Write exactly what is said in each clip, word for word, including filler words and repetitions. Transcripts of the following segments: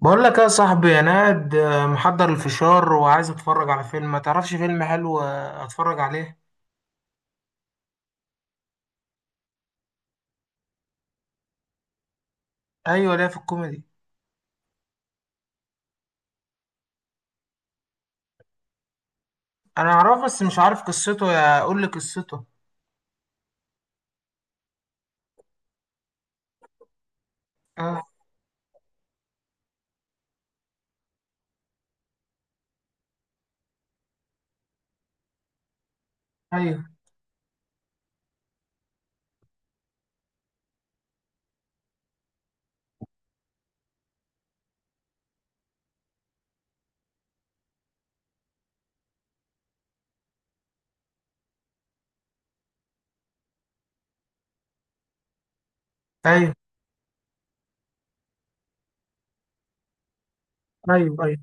بقول لك يا صاحبي، انا قاعد آه، محضر الفشار وعايز اتفرج على فيلم. ما تعرفش فيلم حلو آه، اتفرج عليه؟ ايوه، ليه في الكوميدي. انا اعرفه بس مش عارف قصته، يا قول لي قصته. اه. ايوه. ايوه، ايوه. ايوه.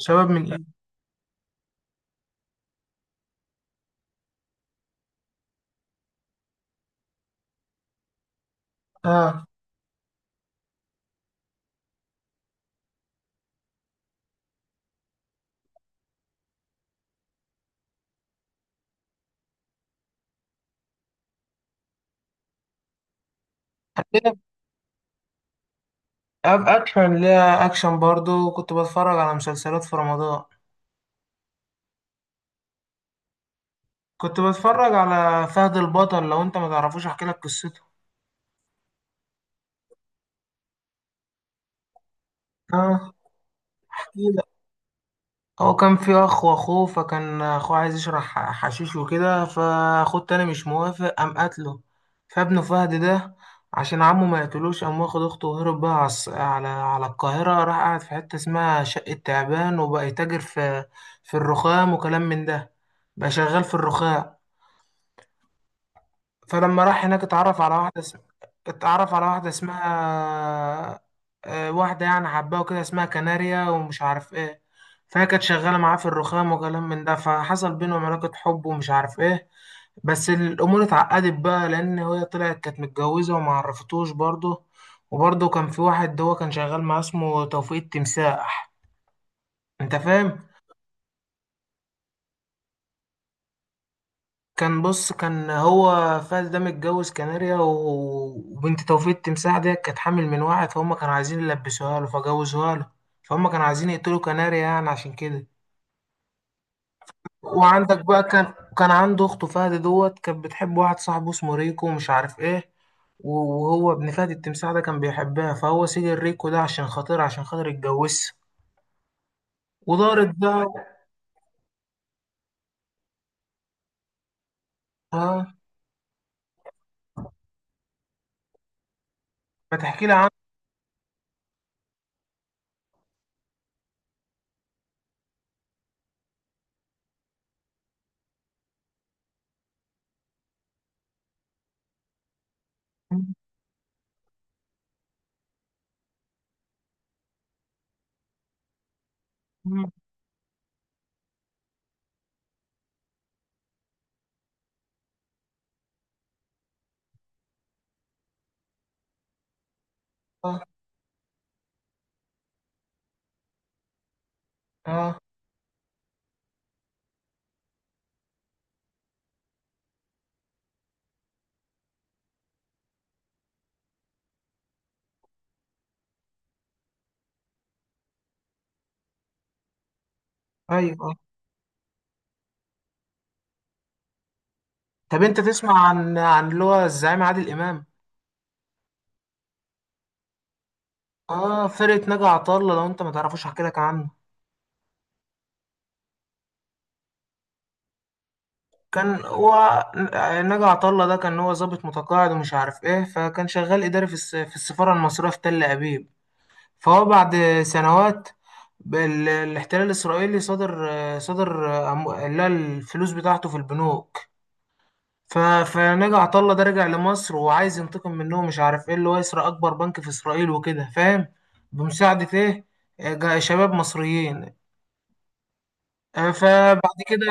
شباب من ايه؟ اه. ليه؟ اب اكشن، ليها اكشن برضو. كنت بتفرج على مسلسلات في رمضان. كنت بتفرج على فهد البطل. لو انت ما تعرفوش احكي لك قصته. اه، احكي. هو كان في اخ واخوه، فكان اخوه عايز يشرح ح- حشيش وكده، فاخوه التاني مش موافق، قام قتله. فابنه فهد ده، عشان عمه ما يقتلوش قام واخد اخته وهرب بقى على الص- على على القاهرة راح قاعد في حتة اسمها شقة تعبان، وبقى يتاجر في في الرخام وكلام من ده، بقى شغال في الرخام. فلما راح هناك اتعرف على واحدة اسم... اتعرف على واحدة اسمها آه، واحدة يعني حباه وكده، اسمها كناريا ومش عارف ايه. فهي كانت شغالة معاه في الرخام وكلام من ده، فحصل بينهم علاقة حب ومش عارف ايه. بس الأمور اتعقدت بقى، لأن هي طلعت كانت متجوزة وما عرفتوش برضه. وبرضه كان في واحد هو كان شغال معاه اسمه توفيق التمساح. انت فاهم؟ كان بص، كان هو فاز ده متجوز كناريا و- وبنت توفيق التمساح دي كانت حامل من واحد، فهم كانوا عايزين يلبسوها له فجوزوها له. فهم كانوا عايزين يقتلوا كناريا يعني عشان كده. وعندك بقى كان كان عنده اخته فهد دوت كانت بتحب واحد صاحبه اسمه ريكو ومش عارف ايه. و- وهو ابن فهد التمساح ده كان بيحبها، فهو سجن ريكو ده عشان خاطر عشان خاطر يتجوزها. ودارت بقى. اه، ما تحكي لي عنه. اه. اه. ايوه. آه. طب انت تسمع عن عن اللي هو الزعيم عادل امام. اه، فرقه نجا عطله. لو انت ما تعرفوش احكي لك عنه. كان هو، نجا عطله ده كان هو ضابط متقاعد ومش عارف ايه، فكان شغال اداري في الس- في السفاره المصريه في تل ابيب. فهو بعد سنوات بال- الاحتلال الاسرائيلي، صدر صدر أم- اللي هي الفلوس بتاعته في البنوك. ف... فنجا عطا الله ده رجع لمصر وعايز ينتقم منهم، مش عارف ايه، اللي هو يسرق اكبر بنك في اسرائيل وكده، فاهم. بمساعدة ايه، جا- شباب مصريين. آه، فبعد كده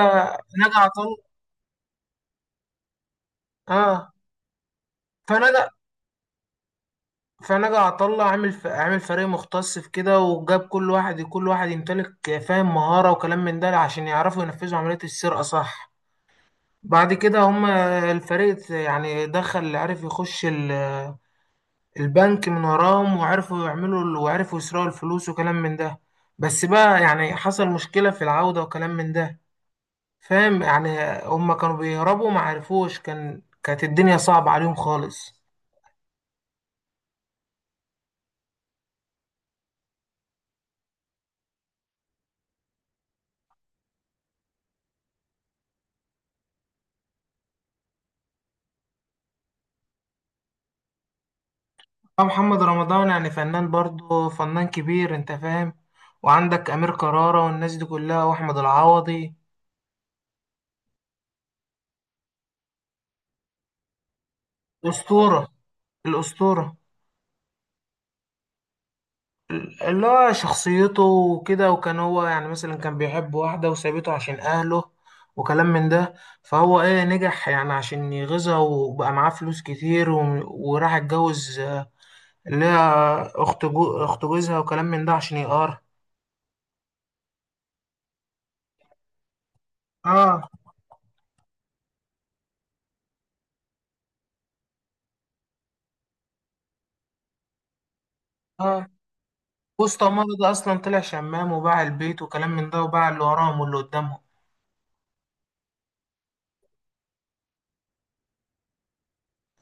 نجا عطا الله. اه. فنجا فنجا عطا الله عامل ف... عامل فريق مختص في كده، وجاب كل واحد كل واحد يمتلك فاهم مهارة وكلام من ده، عشان يعرفوا ينفذوا عملية السرقة، صح. بعد كده هما الفريق يعني دخل عرف يخش البنك من وراهم، وعرفوا يعملوا وعرفوا يسرقوا الفلوس وكلام من ده. بس بقى يعني حصل مشكلة في العودة وكلام من ده، فاهم يعني. هما كانوا بيهربوا ما عرفوش، كان كانت الدنيا صعبة عليهم خالص. أه، محمد رمضان يعني فنان، برضه فنان كبير، انت فاهم. وعندك أمير كرارة والناس دي كلها، وأحمد العوضي. أسطورة. الأسطورة. اللي هو شخصيته وكده، وكان هو يعني مثلا كان بيحب واحدة وسابته عشان أهله وكلام من ده. فهو إيه، نجح يعني عشان يغيظها وبقى معاه فلوس كتير و- وراح اتجوز آه، اللي هي أخت جو أخت جوزها وكلام من ده عشان يقار. آه. آه. وسط عمارة ده أصلا طلع شمام، وباع البيت وكلام من ده، وباع اللي وراهم واللي قدامهم.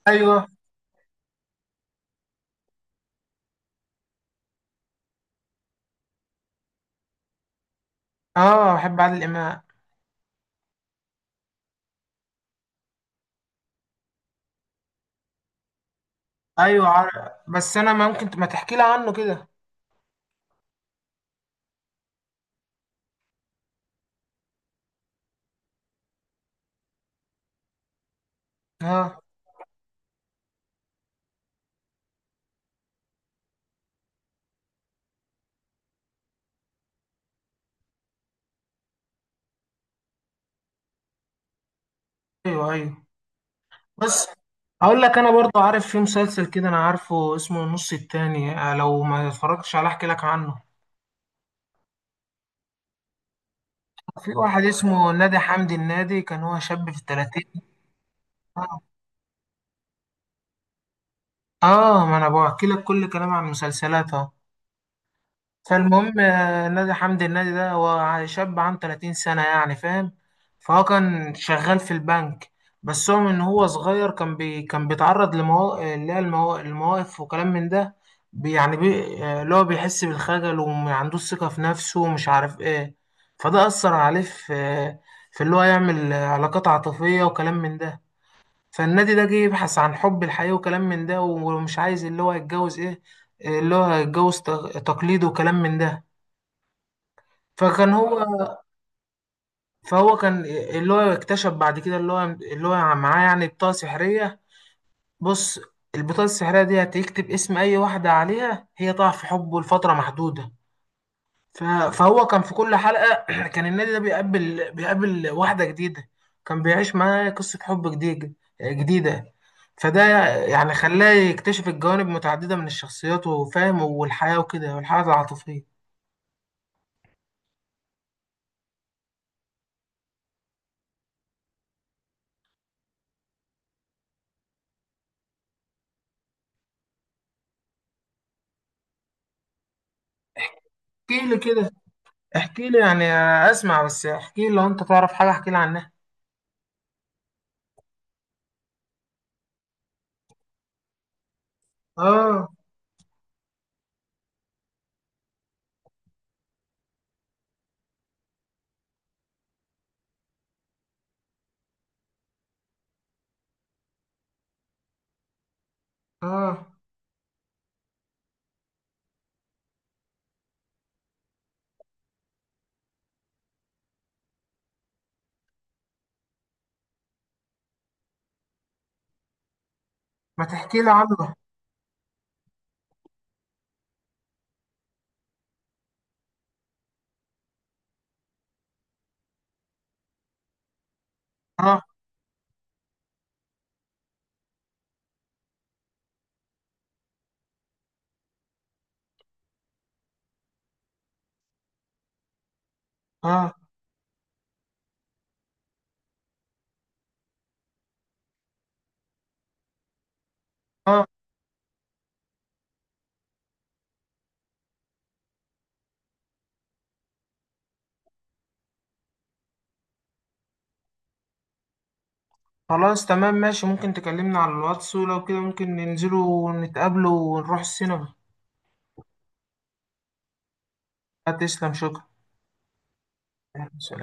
أيوه. آه، بحب عادل إمام. أيوه، عارف. بس أنا ممكن ت- ما تحكي لي عنه كده. آه. أيوه. أيوه. بس هقول لك انا، برضو عارف في مسلسل كده، انا عارفه اسمه النص التاني. آه، لو ما اتفرجتش عليه احكي لك عنه. في واحد اسمه نادي حمدي، النادي كان هو شاب في الثلاثين. اه، ما انا بحكي لك كل كلام عن مسلسلاتها. فالمهم آه، نادي حمدي النادي ده هو شاب عنده ثلاثين سنة يعني، فاهم. فهو كان شغال في البنك. بس هو من هو صغير، كان بي كان بيتعرض لمواقف اللي هي الموا- المواقف وكلام من ده. بي يعني بي آه، اللي هو بيحس بالخجل وما عندوش ثقة في نفسه ومش عارف ايه. فده أثر عليه في آه، في اللي هو يعمل آه، علاقات عاطفية وكلام من ده. فالنادي ده جه يبحث عن حب الحقيقي وكلام من ده، ومش عايز اللي هو يتجوز ايه، اللي هو يتجوز تق- تقليد وكلام من ده. فكان هو، فهو كان اللي هو اكتشف بعد كده اللي هو اللي هو معاه يعني بطاقة سحرية. بص، البطاقة السحرية دي هتكتب اسم أي واحدة عليها، هي تقع في حبه لفترة محدودة. ف- فهو كان في كل حلقة كان النادي ده بيقابل بيقابل واحدة جديدة، كان بيعيش معاها قصة حب جديدة جديدة فده يعني خلاه يكتشف الجوانب متعددة من الشخصيات، وفاهم، والحياة وكده، والحياة العاطفية. احكيلي كده. احكي لي يعني. اسمع، بس احكي لي لو انت تعرف حاجه، احكي لي عنها. اه. اه، ما تحكي لي عنه. اه. اه. اه. خلاص، تمام، ماشي. ممكن تكلمنا على الواتس، ولو كده ممكن ننزلوا ونتقابلوا ونروح السينما. هتسلم، شكرا. سلام.